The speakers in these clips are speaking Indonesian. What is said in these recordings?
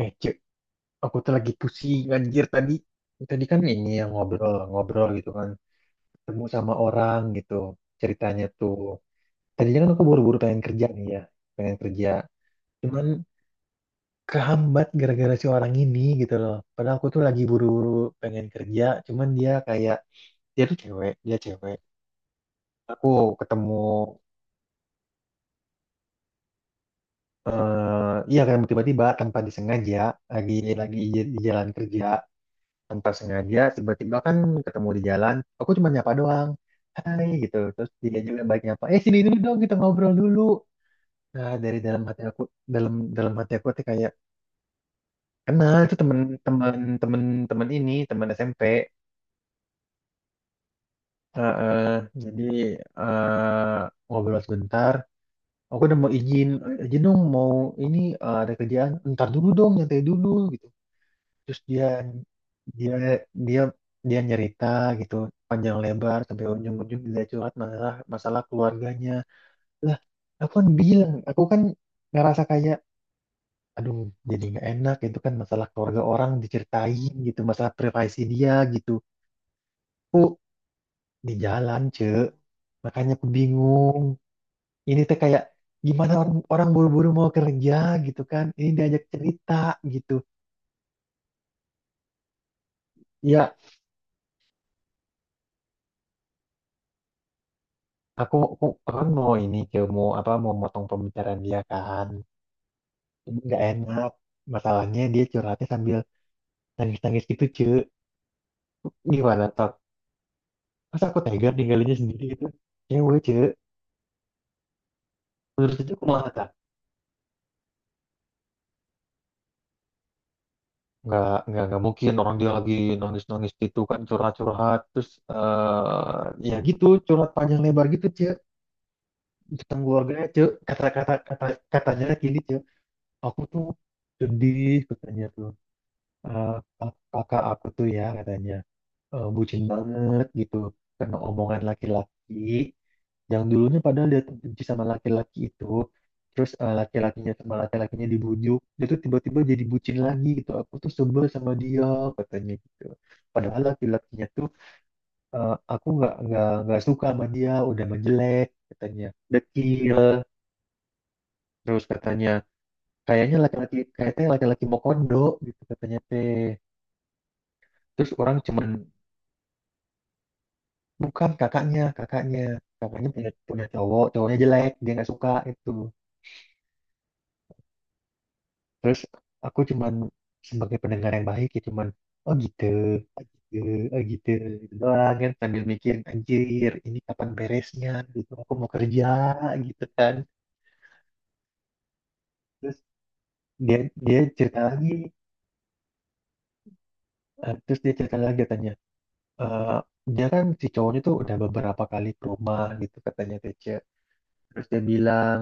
Eh, cek, aku tuh lagi pusing anjir tadi. Tadi kan ini yang ngobrol, ngobrol gitu kan. Ketemu sama orang gitu ceritanya tuh. Tadinya kan aku buru-buru pengen kerja nih ya, pengen kerja. Cuman kehambat gara-gara si orang ini gitu loh. Padahal aku tuh lagi buru-buru pengen kerja, cuman dia kayak dia cewek. Aku ketemu, eh iya kan, tiba-tiba tanpa disengaja, lagi lagi di jalan kerja. Tanpa sengaja tiba-tiba kan ketemu di jalan, aku cuma nyapa doang, hai gitu. Terus dia juga baik, nyapa, eh sini dulu dong kita ngobrol dulu. Nah, dari dalam hati aku, dalam dalam hati aku tuh kayak kenal. Itu temen temen temen temen ini temen SMP. Eh, eh, jadi, eh, ngobrol sebentar. Aku udah mau izin, "Eh, izin dong mau ini, ada kerjaan." "Ntar dulu dong, nyantai dulu," gitu. Terus dia dia dia nyerita gitu panjang lebar, sampai ujung-ujung dia curhat masalah, masalah keluarganya lah. Aku kan bilang, aku kan ngerasa kayak, aduh, jadi nggak enak. Itu kan masalah keluarga orang diceritain gitu, masalah privasi dia gitu. Aku di jalan, ce. Makanya aku bingung. Ini tuh kayak gimana, orang orang buru-buru mau kerja gitu kan, ini diajak cerita gitu, ya. Aku kan mau ini ke mau apa mau motong pembicaraan dia kan. Ini nggak enak. Masalahnya dia curhatnya sambil nangis-nangis gitu, ce. Gimana, Tok? Masa aku tega ninggalinnya sendiri gitu? Cewek, ce. Menurut itu aku malah tak. Nggak mungkin, orang dia lagi nangis-nangis gitu kan, curhat-curhat. Terus eh, ya gitu, curhat panjang lebar gitu, ce. Tentang keluarganya, ce. Kata-kata kata, Katanya lagi ini, ce. Aku tuh sedih, katanya tuh. Eh, kakak aku tuh ya katanya eh, bucin banget gitu karena omongan laki-laki, yang dulunya padahal dia tuh benci sama laki-laki itu. Terus eh, laki-lakinya, sama laki-lakinya dibujuk, dia tuh tiba-tiba jadi bucin lagi gitu. Aku tuh sebel sama dia, katanya gitu. Padahal laki-lakinya tuh eh, aku nggak suka sama dia, udah menjelek, katanya, dekil. Terus katanya kayaknya laki-laki, kayaknya laki-laki mau kondo gitu, katanya, teh. Terus orang cuman bukan kakaknya, kakaknya. Kakaknya punya, cowok, cowoknya jelek, dia nggak suka itu. Terus aku cuman sebagai pendengar yang baik, ya cuman oh gitu, oh gitu, oh gitu, gitu doang kan, sambil mikir, anjir ini kapan beresnya gitu, aku mau kerja gitu kan. Terus dia, dia cerita lagi, eh, terus dia cerita lagi katanya, eh, dia kan, si cowoknya tuh udah beberapa kali ke rumah gitu, katanya, Tece. Terus dia bilang,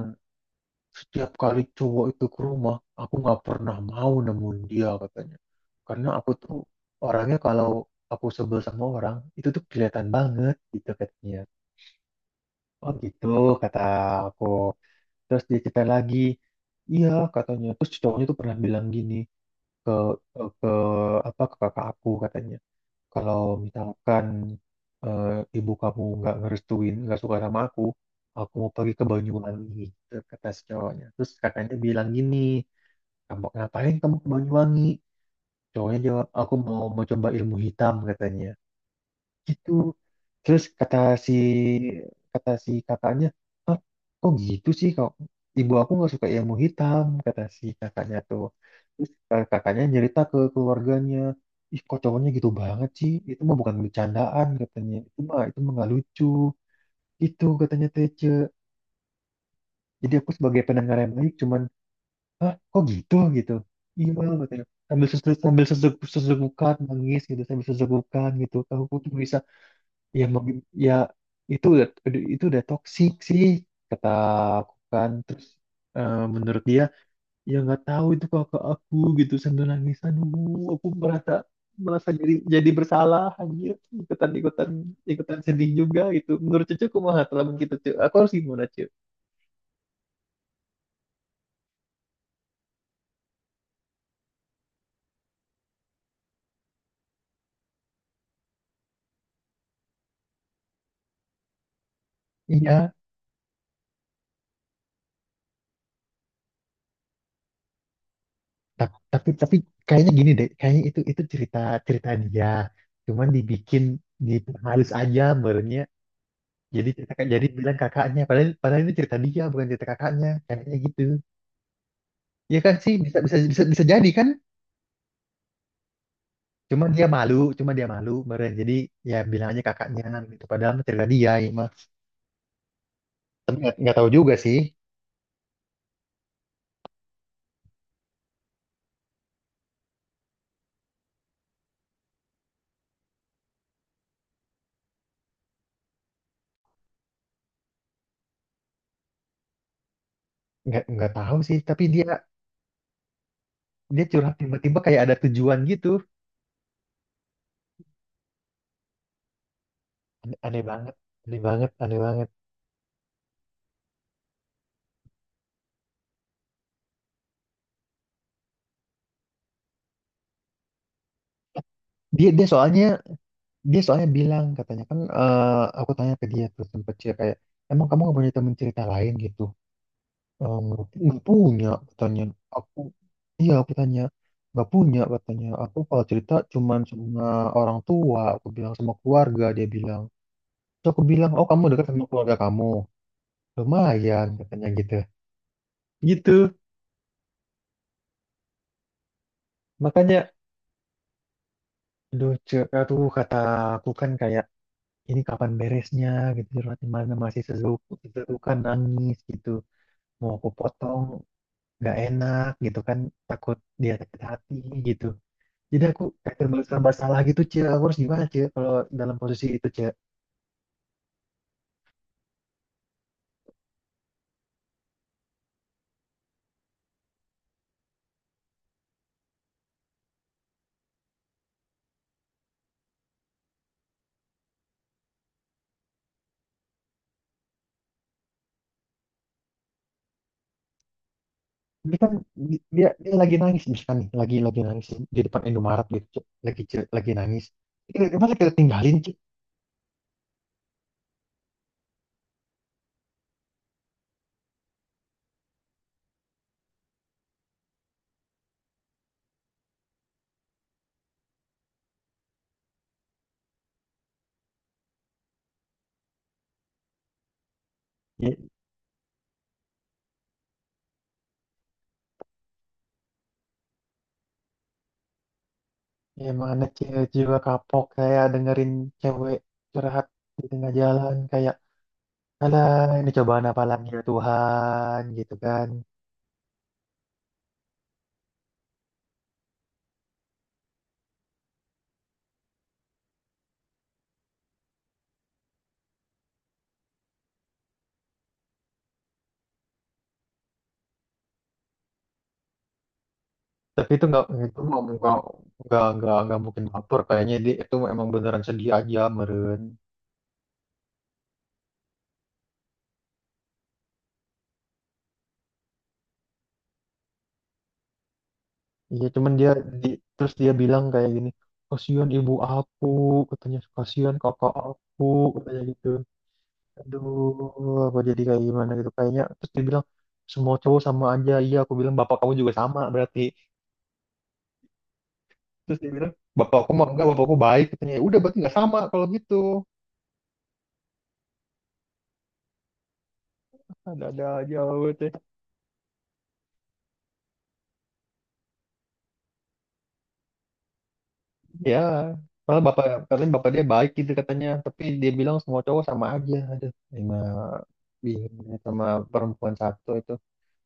setiap kali cowok itu ke rumah, aku nggak pernah mau nemuin dia, katanya. Karena aku tuh orangnya kalau aku sebel sama orang, itu tuh kelihatan banget gitu, katanya. Oh gitu, kata aku. Terus dia cerita lagi, iya katanya. Terus cowoknya tuh pernah bilang gini ke, ke apa, ke kakak aku, katanya. Kalau misalkan, eh, ibu kamu nggak ngerestuin, nggak suka sama aku mau pergi ke Banyuwangi gitu, kata si cowoknya. Terus kakaknya bilang gini, kamu ngapain kamu ke Banyuwangi? Cowoknya jawab, aku mau mencoba ilmu hitam, katanya. Gitu. Terus kata si, kata si kakaknya, ah kok gitu sih, kok ibu aku nggak suka ilmu hitam, kata si kakaknya tuh. Terus kakaknya cerita ke keluarganya, ih kok cowoknya gitu banget sih? Itu mah bukan bercandaan, katanya. Itu mah nggak lucu. Itu katanya, Tece. Jadi aku sebagai pendengar yang baik cuman, hah, kok gitu, gitu, iya katanya, sambil susuk, sambil susuk susukan nangis gitu, sambil susukan gitu, kamu tuh bisa ya mau ya, itu udah, itu udah toksik sih, kata aku kan. Terus eh, menurut dia, ya nggak tahu itu kakak aku gitu, sambil nangis, aduh aku merasa, merasa jadi bersalah anjir, ikutan, ikutan sedih juga gitu. Menurut cucu kumaha teman kita, cuy, aku harus gimana, cuy? Iya. Tapi, tapi kayaknya gini deh, kayaknya itu cerita, cerita dia cuman dibikin diperhalus aja, merenya, jadi cerita, jadi bilang kakaknya. Padahal, ini cerita dia, bukan cerita kakaknya, kayaknya gitu. Ya kan sih, bisa, bisa jadi kan, cuman dia malu, cuman dia malu, meren. Jadi ya bilang aja kakaknya gitu, padahal mah cerita dia, ya mah. Tapi nggak tahu juga sih nggak tahu sih. Tapi dia, dia curhat tiba-tiba kayak ada tujuan gitu. Aneh, aneh banget aneh banget. Dia, dia soalnya bilang, katanya kan eh, aku tanya ke dia, terus sempet sih kayak, emang kamu gak punya teman cerita lain gitu. Eh, nggak, punya, katanya. Aku, iya aku tanya, nggak punya, katanya. Aku kalau cerita cuman sama orang tua, aku bilang, sama keluarga, dia bilang. Terus aku bilang, oh kamu dekat sama keluarga kamu, lumayan katanya gitu, gitu. Makanya, aduh, cek, aduh, kata aku kan kayak, ini kapan beresnya gitu, di mana masih sesuka, kan nangis gitu, mau aku potong nggak enak gitu kan, takut dia sakit hati gitu. Jadi aku kayak serba, serba salah gitu, cie, aku harus gimana, cie, kalau dalam posisi itu, cie. Ini kan, dia, dia lagi nangis misalkan nih, lagi nangis di depan Indomaret gitu, Cie. Lagi, Cie, lagi nangis. Masa kita tinggalin, cie. Ya, ya mana cewek jiwa kapok kayak dengerin cewek curhat di tengah jalan kayak, alah ini cobaan apa lagi ya Tuhan, gitu kan. Tapi itu nggak, itu mau nggak, nggak mungkin baper, kayaknya dia itu emang beneran sedih aja, meren. Iya, cuman dia terus dia bilang kayak gini, kasihan ibu aku, katanya, kasihan kakak aku, katanya gitu. Aduh, apa jadi kayak gimana gitu kayaknya. Terus dia bilang semua cowok sama aja. Iya aku bilang, bapak kamu juga sama berarti. Terus dia bilang, bapakku mah enggak, bapakku baik, katanya. "Ya udah, berarti nggak sama kalau gitu." Ada-ada aja. Ya, malah bapak, katanya bapak dia baik gitu katanya, tapi dia bilang semua cowok sama aja. Aduh, emang bingung ya sama perempuan satu itu,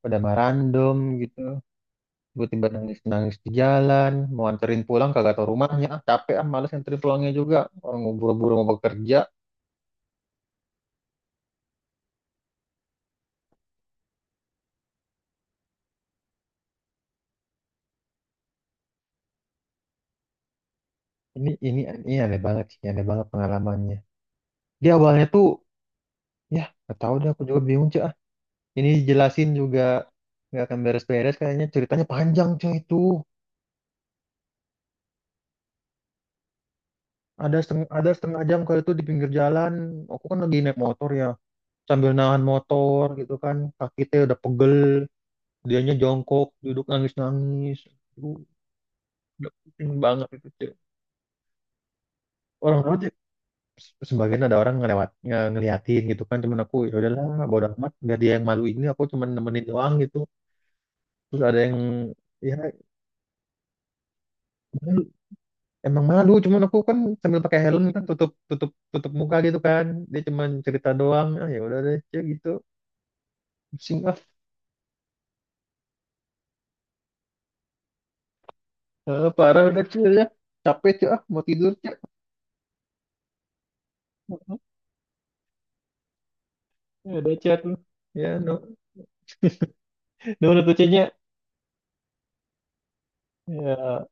pada mah random gitu. Tiba-tiba nangis-nangis di jalan, mau anterin pulang kagak tau rumahnya. Ah, capek ah, males anterin pulangnya juga. Orang mau buru-buru mau bekerja. Ini ini aneh banget sih, aneh banget pengalamannya. Dia awalnya tuh, ya, gak tahu deh, aku juga bingung, cuy. Ah. Ini jelasin juga nggak akan beres-beres kayaknya, ceritanya panjang cuy itu. Ada setengah jam kali itu di pinggir jalan. Aku kan lagi naik motor ya, sambil nahan motor gitu kan. Kaki teh udah pegel. Dianya jongkok, duduk nangis-nangis. Aduh, udah pusing banget itu teh. Orang lewat ya, sebagian ada orang ngelewat, ngeliatin gitu kan. Cuman aku ya udahlah, bodo amat. Biar dia yang malu, ini aku cuman nemenin doang gitu. Terus ada yang ya malu. Emang malu, cuman aku kan sambil pakai helm kan, tutup, tutup muka gitu kan. Dia cuman cerita doang, ah ya udah deh, Cek, gitu, pusing. Eh, parah udah, cuy, ya. Capek cuy, ah, mau tidur cuy. Ya, udah chat lu. Ya, no. No, udah tuh chatnya. Ya.